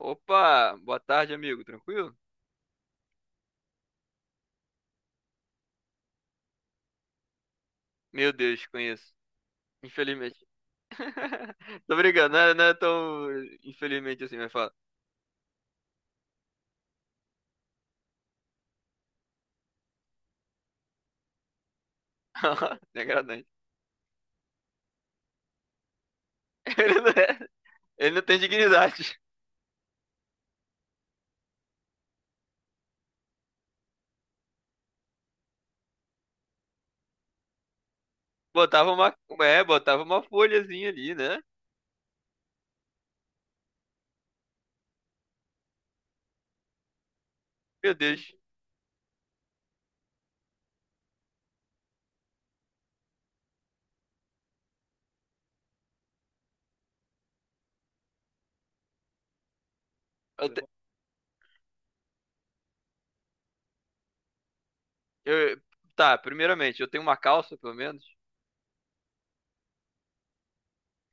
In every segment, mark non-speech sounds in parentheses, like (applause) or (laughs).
Opa, boa tarde, amigo. Tranquilo? Meu Deus, conheço. Infelizmente. (laughs) Tô brincando, não é, não é tão infelizmente assim, mas fala. (laughs) Degradante. Ele não é- Ele não tem dignidade. Botava uma, botava uma folhazinha ali, né? Meu Deus. Eu te- eu- tá, primeiramente, eu tenho uma calça, pelo menos.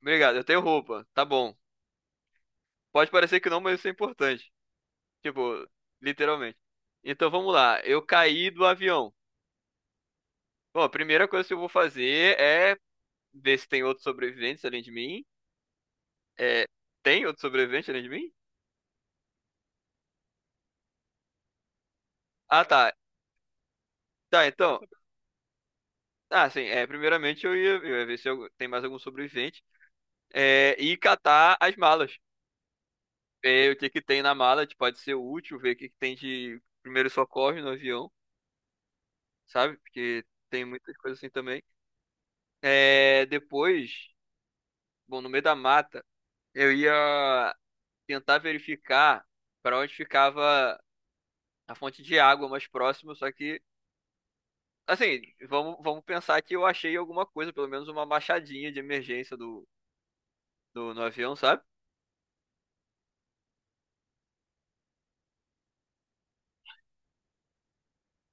Obrigado, eu tenho roupa. Tá bom. Pode parecer que não, mas isso é importante. Tipo, literalmente. Então vamos lá. Eu caí do avião. Bom, a primeira coisa que eu vou fazer é ver se tem outros sobreviventes além de mim. É, tem outro sobrevivente além de mim? Ah, tá. Tá, então. Ah, sim. Primeiramente eu ia ver se eu- tem mais algum sobrevivente. É, e catar as malas. É, o que que tem na mala, que pode ser útil, ver o que que tem de primeiro socorro no avião, sabe? Porque tem muitas coisas assim também. É, depois, bom, no meio da mata, eu ia tentar verificar para onde ficava a fonte de água mais próxima, só que assim, vamos pensar que eu achei alguma coisa, pelo menos uma machadinha de emergência do no avião, sabe?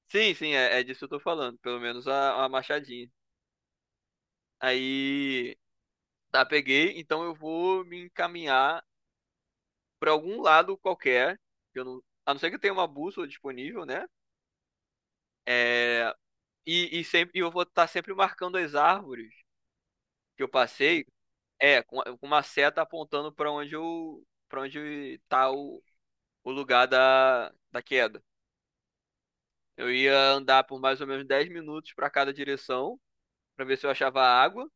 Sim, sim, é, é disso que eu tô falando. Pelo menos a machadinha. Aí, tá, peguei, então eu vou me encaminhar pra algum lado qualquer. Que Eu não, a não ser que eu tenha uma bússola disponível, né? É, e eu vou estar sempre marcando as árvores que eu passei, é, com uma seta apontando pra onde eu, para onde tá o lugar da, da queda. Eu ia andar por mais ou menos 10 minutos para cada direção, para ver se eu achava água.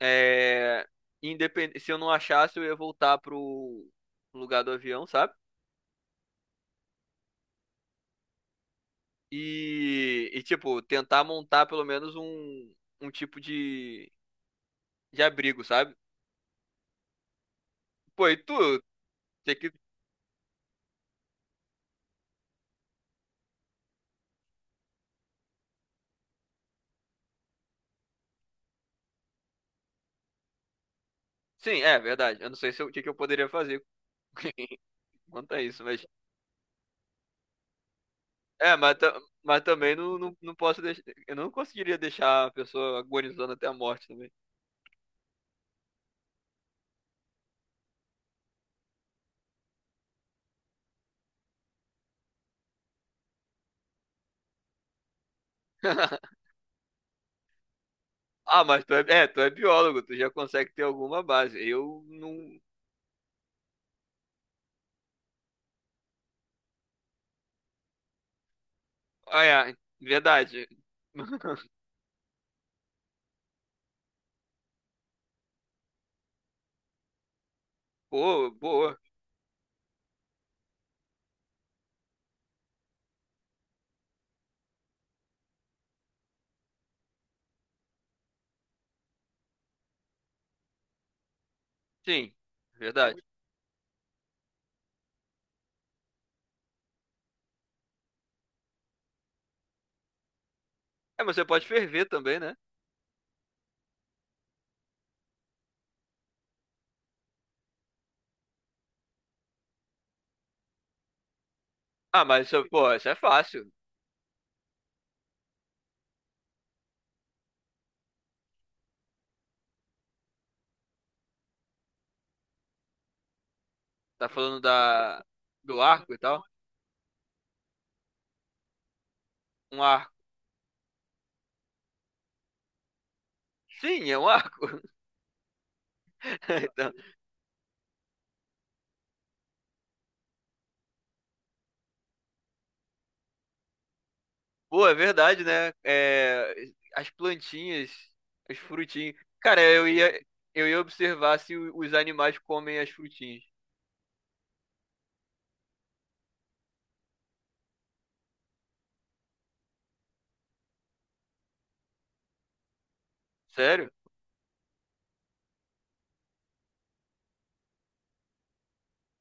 É, se eu não achasse, eu ia voltar pro lugar do avião, sabe? E, tipo, tentar montar pelo menos um, um tipo de abrigo, sabe? Pô, e tu? Tem que… Sim, é verdade. Eu não sei se eu- o que que eu poderia fazer (laughs) quanto a isso, mas. É, mas, mas também não posso deixar. Eu não conseguiria deixar a pessoa agonizando até a morte também. (laughs) Ah, mas tu é, é, tu é biólogo, tu já consegue ter alguma base. Eu não. Ah, é, verdade. (laughs) Boa, boa. Sim, verdade. É, mas você pode ferver também, né? Ah, mas isso, pô, isso é fácil. Tá falando da do arco e tal? Um arco. Sim, é um arco. (laughs) Então, pô, é verdade, né? É, as plantinhas, as frutinhas. Cara, eu ia observar se os animais comem as frutinhas. Sério?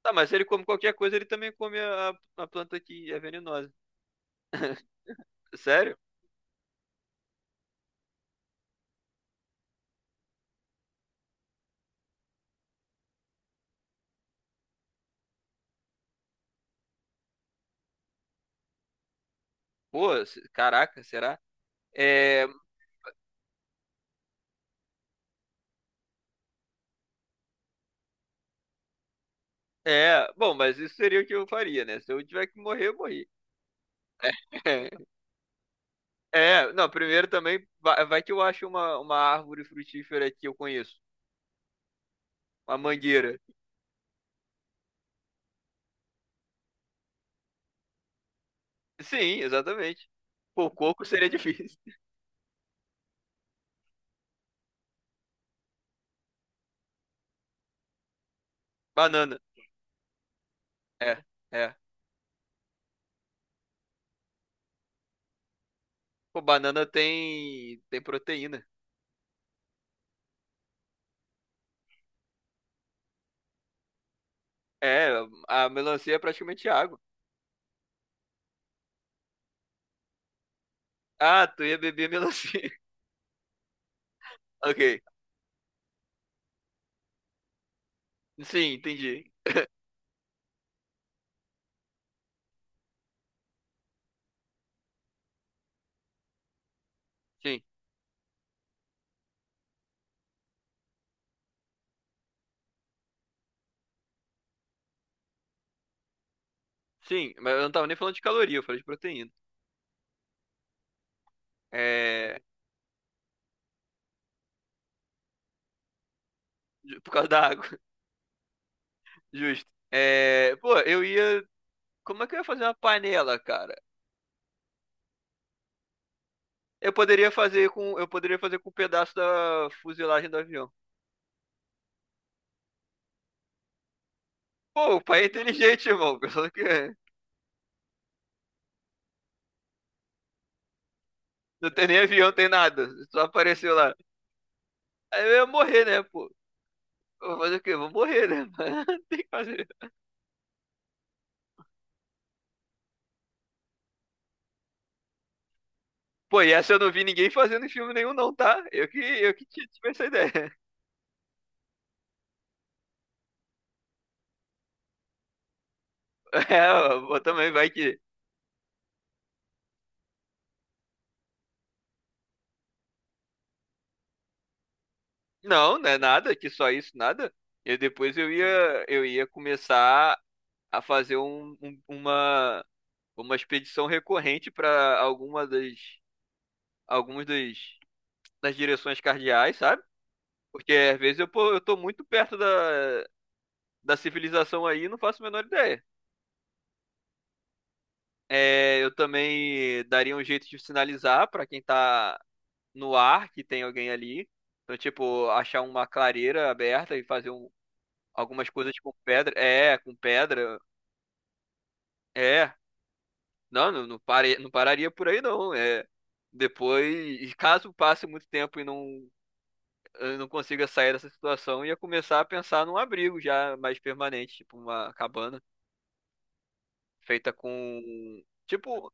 Tá, mas se ele come qualquer coisa, ele também come a planta que é venenosa. Sério? Pô, caraca, será? É, bom, mas isso seria o que eu faria, né? Se eu tiver que morrer, eu morri. (laughs) É, não, primeiro também, vai que eu acho uma árvore frutífera que eu conheço. Uma mangueira. Sim, exatamente. Pô, coco seria (laughs) difícil. Banana. É, é. Pô, banana tem, tem proteína. É, a melancia é praticamente água. Ah, tu ia beber melancia. (laughs) Ok. Sim, entendi. Sim, sim, mas eu não tava nem falando de caloria, eu falei de proteína. É, por causa da água, (laughs) justo. É, pô, eu ia, como é que eu ia fazer uma panela, cara? Eu poderia fazer com um pedaço da fuselagem do avião. Pô, o pai é inteligente, irmão. (laughs) O que Não tem nem avião, tem nada. Só apareceu lá. Aí eu ia morrer, né, pô? Eu vou fazer o quê? Eu vou morrer, né? (laughs) Não tem que fazer. Pô, e essa eu não vi ninguém fazendo em filme nenhum, não, tá? Eu que tive essa ideia. (laughs) É, eu também vai que. Não, não é nada, que só isso, nada. E depois eu ia começar a fazer uma expedição recorrente para algumas das, das direções cardeais, sabe? Porque às vezes eu, pô, eu tô muito perto da, da civilização aí e não faço a menor ideia. É, eu também daria um jeito de sinalizar para quem tá no ar que tem alguém ali. Então, tipo, achar uma clareira aberta e fazer um algumas coisas com pedra. É, com pedra. É. Não, não, não, não pararia por aí, não. É. Depois, caso passe muito tempo e não, eu não consiga sair dessa situação, ia começar a pensar num abrigo já mais permanente, tipo uma cabana feita com, tipo,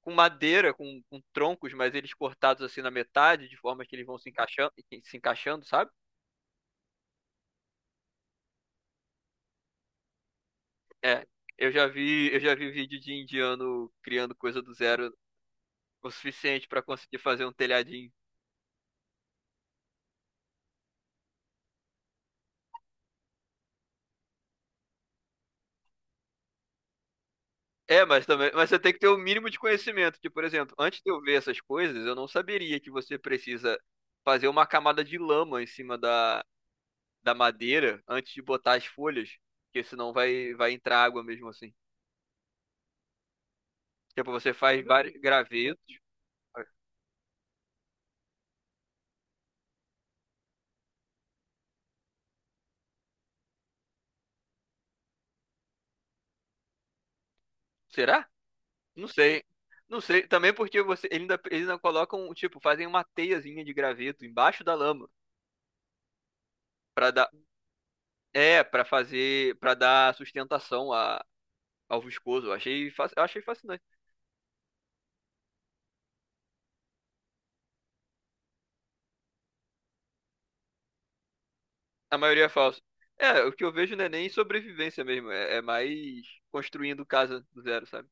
com madeira, com troncos, mas eles cortados assim na metade, de forma que eles vão se encaixando, sabe? É, eu já vi vídeo de indiano criando coisa do zero o suficiente para conseguir fazer um telhadinho. É, mas também, mas você tem que ter o mínimo de conhecimento. Que, por exemplo, antes de eu ver essas coisas, eu não saberia que você precisa fazer uma camada de lama em cima da, da madeira antes de botar as folhas, porque senão vai vai entrar água mesmo assim. Tipo, você faz vários gravetos. Será? Não sei. Não sei, também porque você ele ainda eles ainda colocam, tipo, fazem uma teiazinha de graveto embaixo da lama para dar para dar sustentação a, ao viscoso. Eu achei fascinante. A maioria é falso. É, o que eu vejo não é nem sobrevivência mesmo, é, é mais construindo casa do zero, sabe?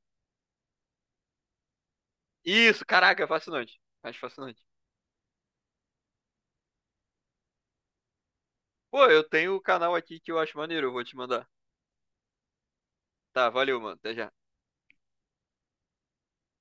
Isso, caraca, é fascinante. Acho fascinante. Pô, eu tenho o canal aqui que eu acho maneiro, eu vou te mandar. Tá, valeu, mano. Até já.